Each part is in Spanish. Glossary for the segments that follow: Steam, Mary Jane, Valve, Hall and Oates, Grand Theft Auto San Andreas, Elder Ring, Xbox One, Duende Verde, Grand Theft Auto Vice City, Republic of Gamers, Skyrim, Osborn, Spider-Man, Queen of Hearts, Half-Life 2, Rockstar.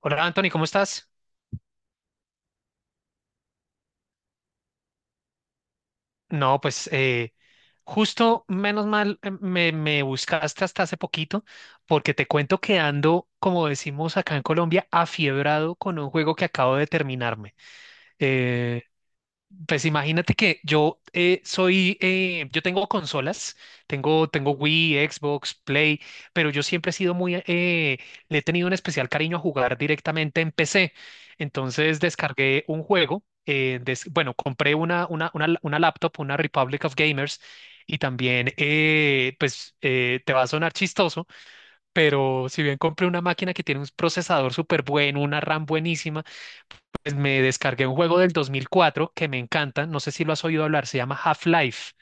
Hola Anthony, ¿cómo estás? No, pues justo menos mal me buscaste hasta hace poquito porque te cuento que ando, como decimos acá en Colombia, afiebrado con un juego que acabo de terminarme. Eh, Pues imagínate que yo yo tengo consolas, tengo Wii, Xbox, Play, pero yo siempre he sido le he tenido un especial cariño a jugar directamente en PC. Entonces descargué un juego, bueno, compré una laptop, una Republic of Gamers, y también, te va a sonar chistoso, pero si bien compré una máquina que tiene un procesador súper bueno, una RAM buenísima, pues, me descargué un juego del 2004 que me encanta, no sé si lo has oído hablar, se llama Half-Life.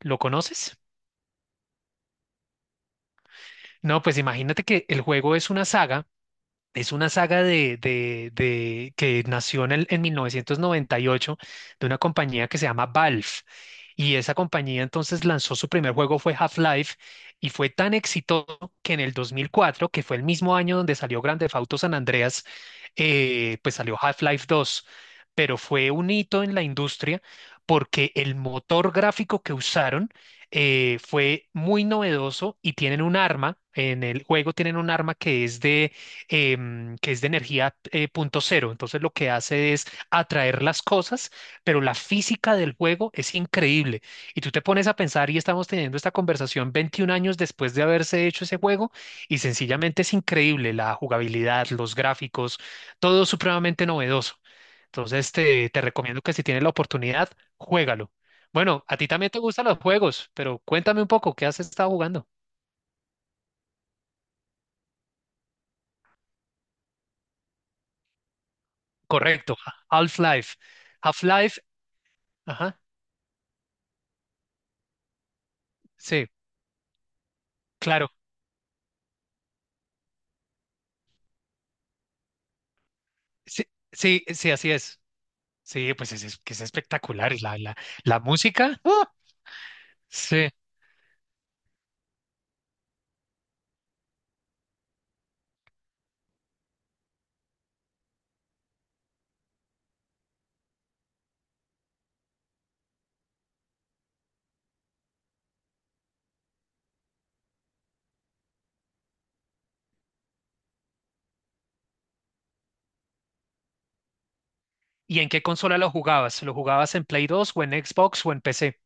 ¿Lo conoces? No, pues imagínate que el juego es una saga. Es una saga que nació en 1998, de una compañía que se llama Valve. Y esa compañía entonces lanzó su primer juego, fue Half-Life, y fue tan exitoso que en el 2004, que fue el mismo año donde salió Grand Theft Auto San Andreas, pues salió Half-Life dos. Pero fue un hito en la industria porque el motor gráfico que usaron fue muy novedoso, y tienen un arma, en el juego tienen un arma que es de que es de energía punto cero. Entonces lo que hace es atraer las cosas, pero la física del juego es increíble. Y tú te pones a pensar y estamos teniendo esta conversación 21 años después de haberse hecho ese juego, y sencillamente es increíble la jugabilidad, los gráficos, todo supremamente novedoso. Entonces te recomiendo que si tienes la oportunidad, juégalo. Bueno, a ti también te gustan los juegos, pero cuéntame un poco, ¿qué has estado jugando? Correcto, Half-Life. Half-Life, ajá. Sí, claro. Sí, sí, sí, así es. Sí, pues es que es espectacular. La música. ¡Ah! Sí. ¿Y en qué consola lo jugabas? ¿Lo jugabas en Play 2 o en Xbox o en PC?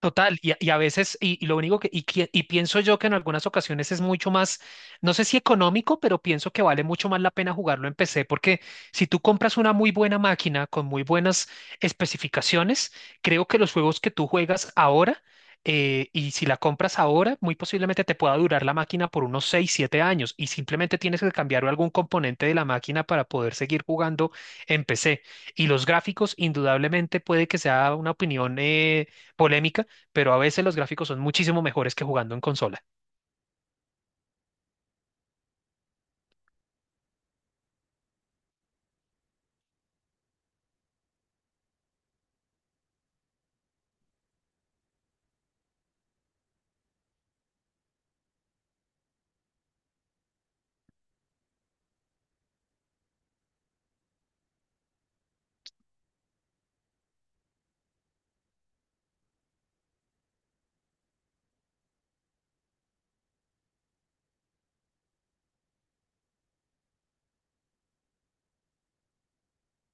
Total, y a veces, y lo único y pienso yo que en algunas ocasiones es mucho más, no sé si económico, pero pienso que vale mucho más la pena jugarlo en PC, porque si tú compras una muy buena máquina con muy buenas especificaciones, creo que los juegos que tú juegas ahora, y si la compras ahora, muy posiblemente te pueda durar la máquina por unos 6 7 años, y simplemente tienes que cambiar algún componente de la máquina para poder seguir jugando en PC. Y los gráficos, indudablemente, puede que sea una opinión polémica, pero a veces los gráficos son muchísimo mejores que jugando en consola.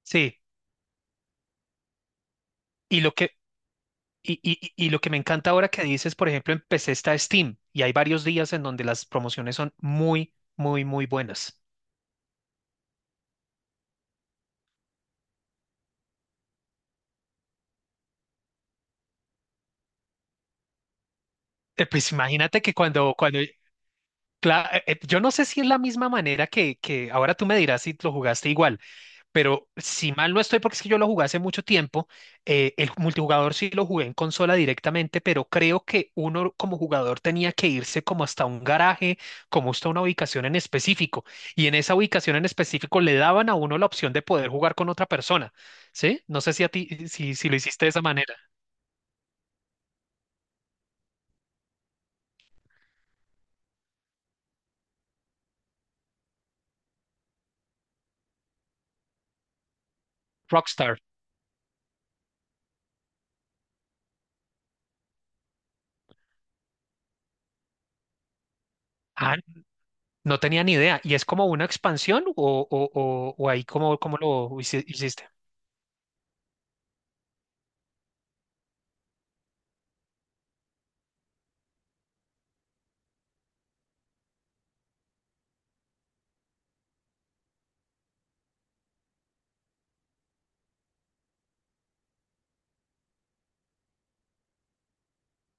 Sí, y lo que, y lo que me encanta ahora que dices, por ejemplo, en PC está Steam y hay varios días en donde las promociones son muy, muy, muy buenas. Pues imagínate que yo no sé si es la misma manera que ahora tú me dirás si lo jugaste igual. Pero si mal no estoy, porque es que yo lo jugué hace mucho tiempo, el multijugador sí lo jugué en consola directamente, pero creo que uno como jugador tenía que irse como hasta un garaje, como hasta una ubicación en específico, y en esa ubicación en específico le daban a uno la opción de poder jugar con otra persona, ¿sí? No sé si a ti, si lo hiciste de esa manera. Rockstar. Ah, no tenía ni idea. ¿Y es como una expansión o ahí cómo lo hiciste?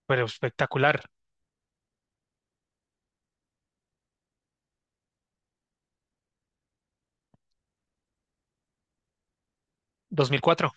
Pero espectacular. 2004.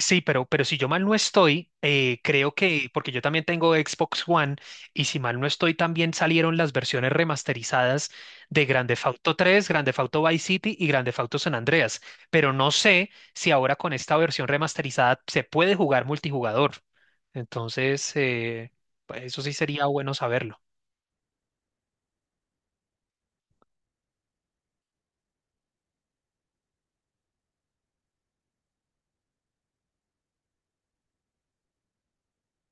Sí, pero si yo mal no estoy, creo que, porque yo también tengo Xbox One, y si mal no estoy, también salieron las versiones remasterizadas de Grand Theft Auto 3, Grand Theft Auto Vice City y Grand Theft Auto San Andreas. Pero no sé si ahora con esta versión remasterizada se puede jugar multijugador. Entonces, pues eso sí sería bueno saberlo.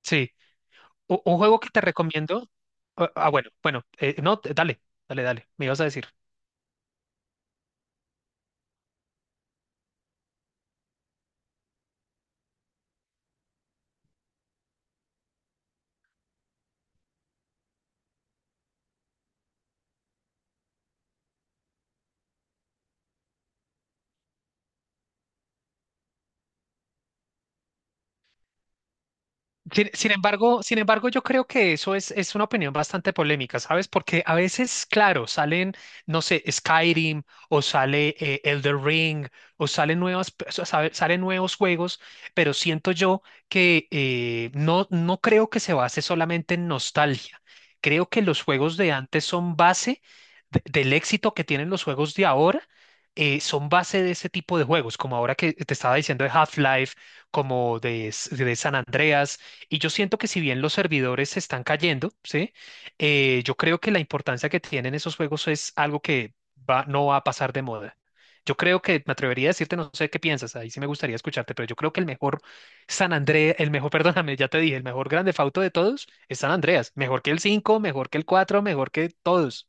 Sí, U- un juego que te recomiendo. Bueno, no, dale, dale, dale, me ibas a decir. Sin, sin embargo, sin embargo, yo creo que eso es una opinión bastante polémica, ¿sabes? Porque a veces, claro, salen, no sé, Skyrim o sale Elder Ring o salen nuevas, pe- o sabe- salen nuevos juegos, pero siento yo que no creo que se base solamente en nostalgia. Creo que los juegos de antes son base del éxito que tienen los juegos de ahora. Eh, son base de ese tipo de juegos, como ahora que te estaba diciendo de Half-Life, como de San Andreas, y yo siento que si bien los servidores se están cayendo, ¿sí? Yo creo que la importancia que tienen esos juegos es algo que no va a pasar de moda. Yo creo que me atrevería a decirte, no sé qué piensas, ahí sí me gustaría escucharte, pero yo creo que el mejor San Andrés, el mejor, perdóname, ya te dije, el mejor grande Theft de todos es San Andreas. Mejor que el cinco, mejor que el cuatro, mejor que todos.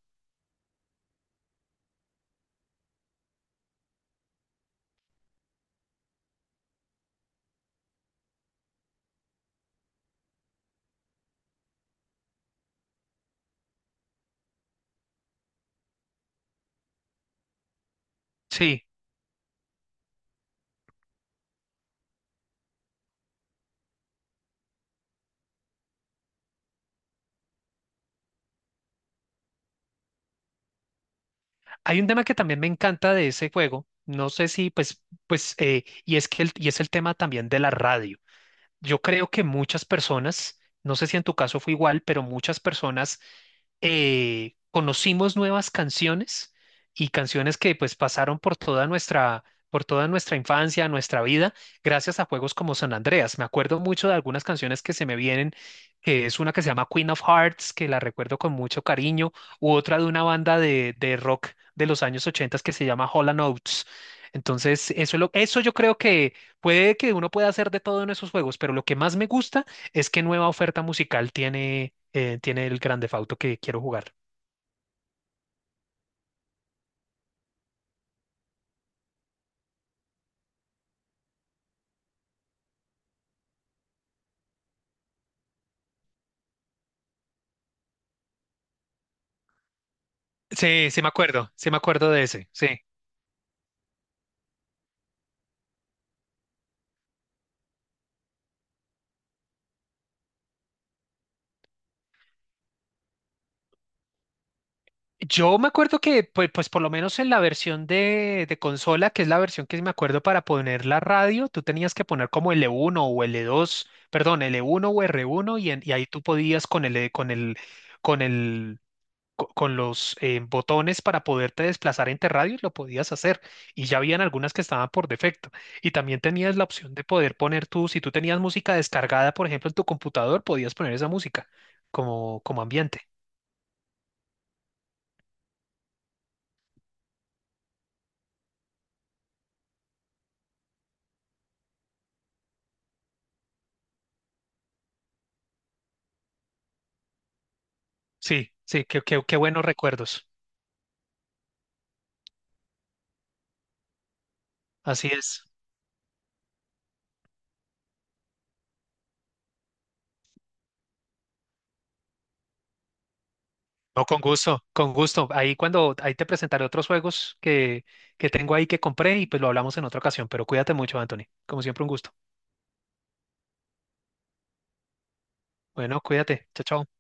Sí, hay un tema que también me encanta de ese juego, no sé si, pues, pues, y es el tema también de la radio. Yo creo que muchas personas, no sé si en tu caso fue igual, pero muchas personas conocimos nuevas canciones y canciones que pues pasaron por por toda nuestra infancia, nuestra vida, gracias a juegos como San Andreas. Me acuerdo mucho de algunas canciones que se me vienen, que es una que se llama Queen of Hearts, que la recuerdo con mucho cariño, u otra de una banda de rock de los años 80 que se llama Hall and Oates. Entonces, eso yo creo que puede que uno pueda hacer de todo en esos juegos, pero lo que más me gusta es qué nueva oferta musical tiene el Grand Theft Auto que quiero jugar. Sí, sí me acuerdo de ese, sí. Yo me acuerdo que, pues, pues por lo menos en la versión de consola, que es la versión que me acuerdo para poner la radio, tú tenías que poner como l uno o l dos, perdón, l uno o r uno y ahí tú podías con el, con el con los botones para poderte desplazar entre radios, lo podías hacer. Y ya habían algunas que estaban por defecto. Y también tenías la opción de poder poner tú, si tú tenías música descargada, por ejemplo, en tu computador, podías poner esa música como, como ambiente. Sí, sí, qué, qué, qué buenos recuerdos. Así es. No, con gusto, con gusto. Ahí te presentaré otros juegos que tengo ahí que compré, y pues lo hablamos en otra ocasión. Pero cuídate mucho, Anthony. Como siempre, un gusto. Bueno, cuídate. Chao, chao.